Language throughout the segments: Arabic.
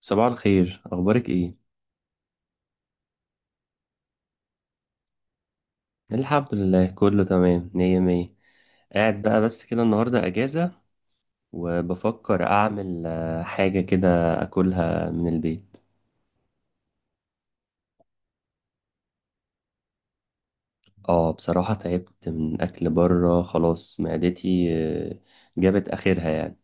صباح الخير، اخبارك ايه؟ الحمد لله، كله تمام، مية مية. قاعد بقى بس كده، النهارده اجازة. وبفكر اعمل حاجة كده. اكلها من البيت. اه، بصراحة تعبت من اكل بره، خلاص معدتي آه، جابت اخرها يعني.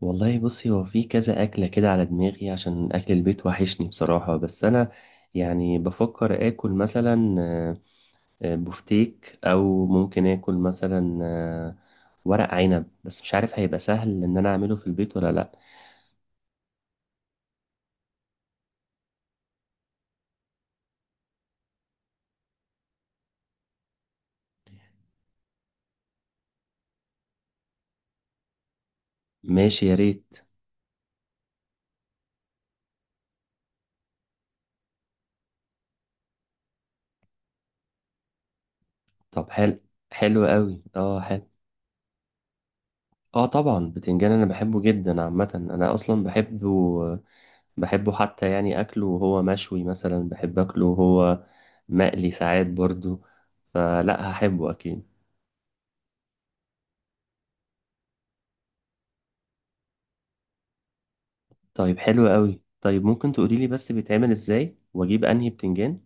والله بصي، هو في كذا اكلة كده على دماغي، عشان اكل البيت وحشني بصراحة، بس انا يعني بفكر اكل مثلا بفتيك او ممكن اكل مثلا ورق عنب، بس مش عارف هيبقى سهل ان انا اعمله في البيت ولا لا؟ ماشي، يا ريت. طب، حلو. حلو قوي، اه حلو. اه طبعا، بتنجان انا بحبه جدا، عامه انا اصلا بحبه. بحبه حتى، يعني اكله وهو مشوي مثلا، بحب اكله وهو مقلي ساعات برضو. فلا هحبه اكيد. طيب حلو قوي، طيب ممكن تقولي لي بس بيتعمل ازاي، واجيب انهي بتنجان؟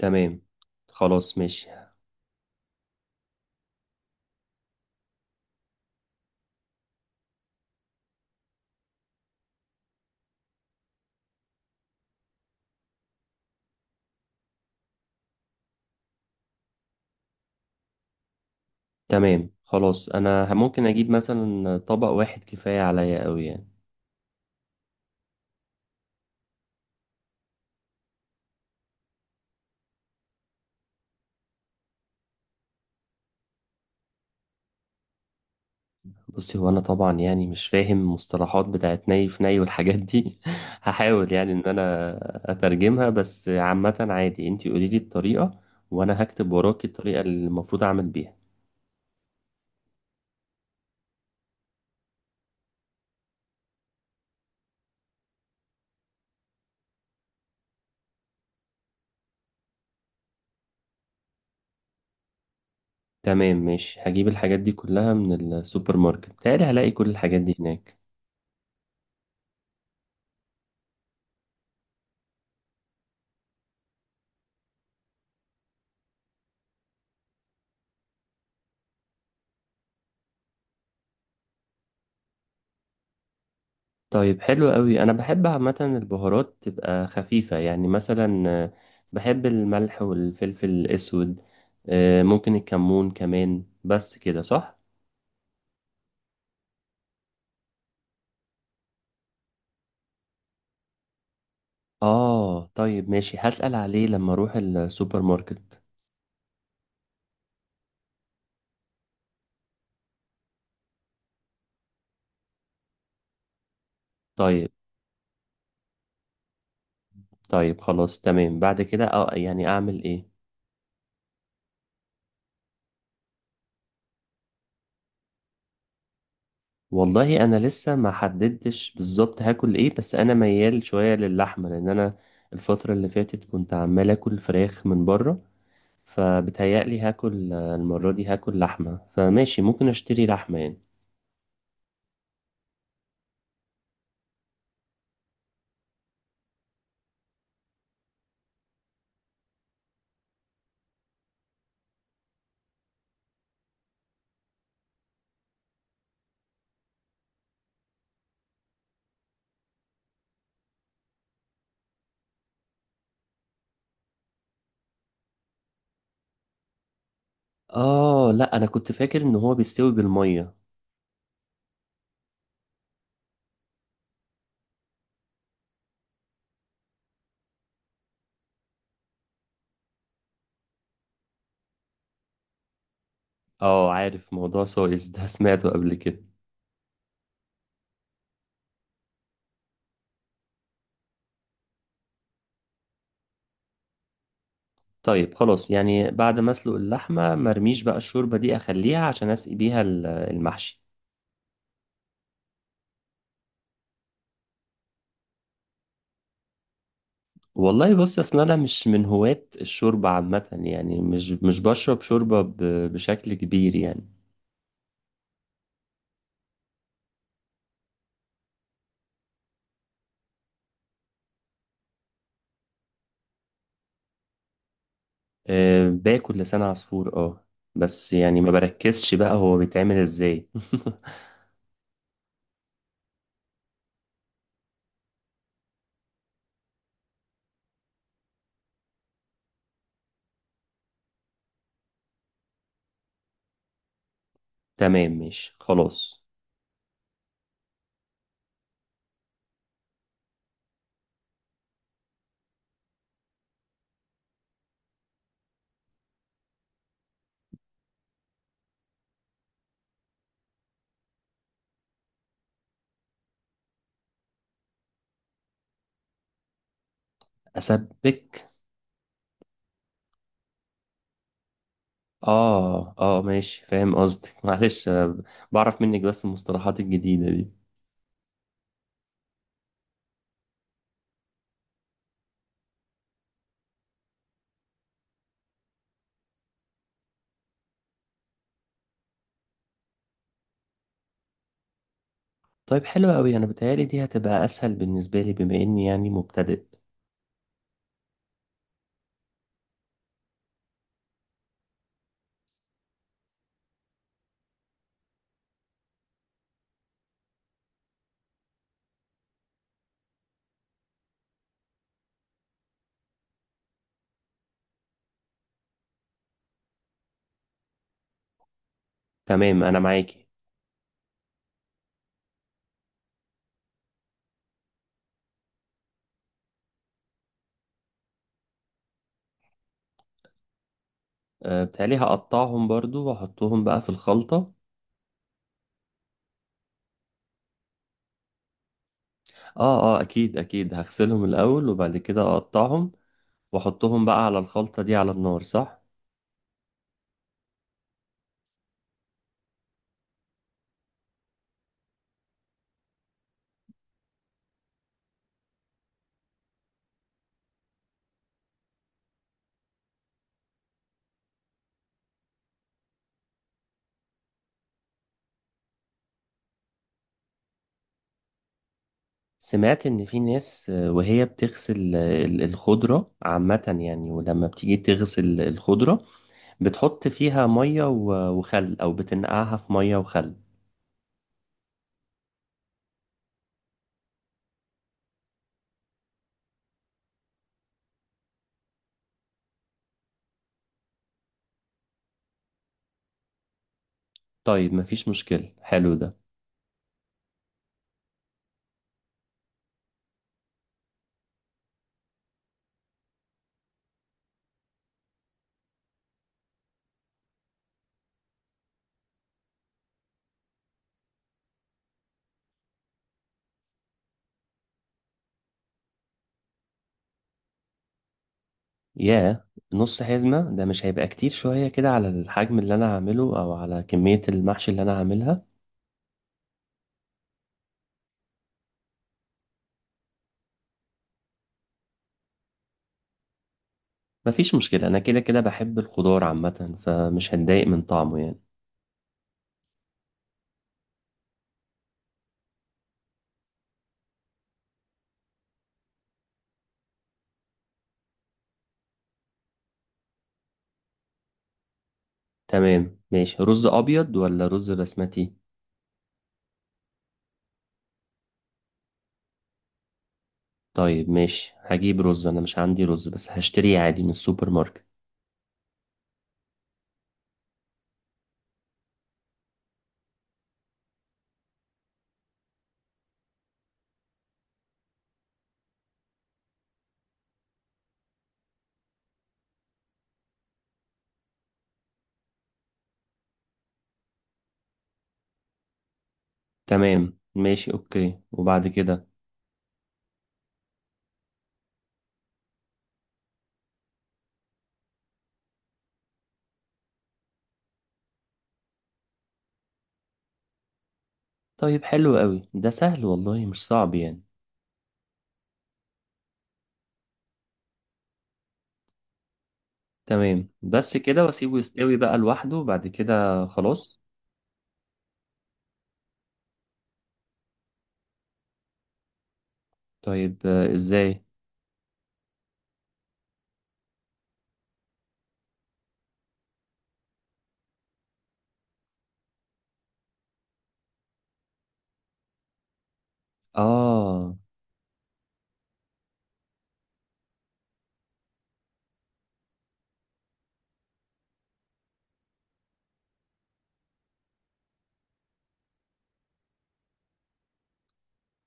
تمام، خلاص، ماشي. تمام خلاص، انا ممكن اجيب مثلا طبق واحد، كفايه عليا قوي يعني. بصي، هو انا طبعا يعني مش فاهم مصطلحات بتاعت ني في ني والحاجات دي هحاول يعني ان انا اترجمها، بس عامة عادي انتي قولي لي الطريقة وانا هكتب وراكي الطريقة اللي المفروض اعمل بيها. تمام ماشي، هجيب الحاجات دي كلها من السوبر ماركت، بتهيألي هلاقي كل الحاجات دي هناك. طيب حلو قوي، انا بحب عامة البهارات تبقى خفيفة، يعني مثلا بحب الملح والفلفل الاسود، ممكن الكمون كمان، بس كده صح؟ اه طيب ماشي، هسأل عليه لما اروح السوبر ماركت. طيب. طيب خلاص تمام، بعد كده اه يعني اعمل ايه؟ والله انا لسه ما حددتش بالظبط هاكل ايه، بس انا ميال شوية للحمة، لان انا الفترة اللي فاتت كنت عمال اكل فراخ من بره، فبتهيألي هاكل المرة دي هاكل لحمة، فماشي ممكن اشتري لحمة يعني. اه لا، انا كنت فاكر ان هو بيستوي بالمية. اه عارف، موضوع سويس ده سمعته قبل كده. طيب خلاص، يعني بعد ما اسلق اللحمه مرميش بقى الشوربه دي، اخليها عشان اسقي بيها المحشي. والله بص، اصل انا مش من هواة الشوربه عامه يعني، مش بشرب شوربه بشكل كبير يعني. أه باكل لسان عصفور، اه. بس يعني ما بركزش بقى هو بيتعمل ازاي. تمام ماشي خلاص. اسبك؟ اه اه ماشي، فاهم قصدك معلش، بعرف منك بس المصطلحات الجديده. طيب حلو أوي، أنا بتهيألي دي هتبقى أسهل بالنسبة لي، بما إني يعني مبتدئ. تمام، أنا معاكي. أه بتهيألي هقطعهم برضو، وأحطهم بقى في الخلطة. آه آه، أكيد أكيد، هغسلهم الأول وبعد كده أقطعهم وأحطهم بقى على الخلطة دي على النار، صح؟ سمعت إن في ناس وهي بتغسل الخضرة عامة يعني، ولما بتيجي تغسل الخضرة بتحط فيها مية وخل أو بتنقعها في مية وخل. طيب مفيش مشكلة، حلو ده. ياه، نص حزمة ده مش هيبقى كتير شوية كده على الحجم اللي أنا هعمله، أو على كمية المحشي اللي أنا هعملها؟ مفيش مشكلة، أنا كده كده بحب الخضار عامة، فمش هتضايق من طعمه يعني. تمام ماشي، رز أبيض ولا رز بسمتي؟ طيب ماشي، هجيب رز، أنا مش عندي رز بس هشتريه عادي من السوبر ماركت. تمام ماشي أوكي، وبعد كده؟ طيب حلو قوي، ده سهل والله، مش صعب يعني. تمام، بس كده وأسيبه يستوي بقى لوحده بعد كده خلاص؟ طيب إزاي؟ اه.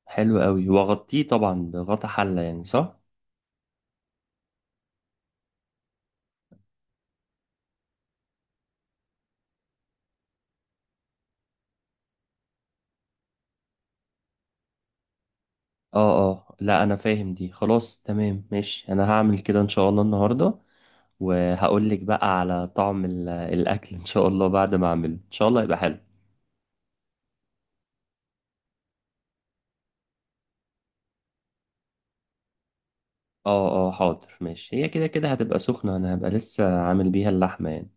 حلو قوي، واغطيه طبعا بغطا حلة، يعني صح؟ اه اه لا، انا فاهم دي خلاص، تمام ماشي، انا هعمل كده ان شاء الله النهارده، وهقول لك بقى على طعم ال- الاكل ان شاء الله، بعد ما اعمله ان شاء الله يبقى حلو. اه اه حاضر ماشي، هي كده كده هتبقى سخنة، انا هبقى لسه عامل بيها اللحمة يعني.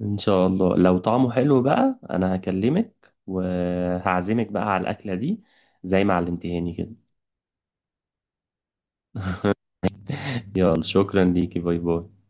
ان شاء الله لو طعمه حلو بقى، انا هكلمك وهعزمك بقى على الاكلة دي، زي ما علمتهاني كده. يلا شكرا ليكي، باي باي.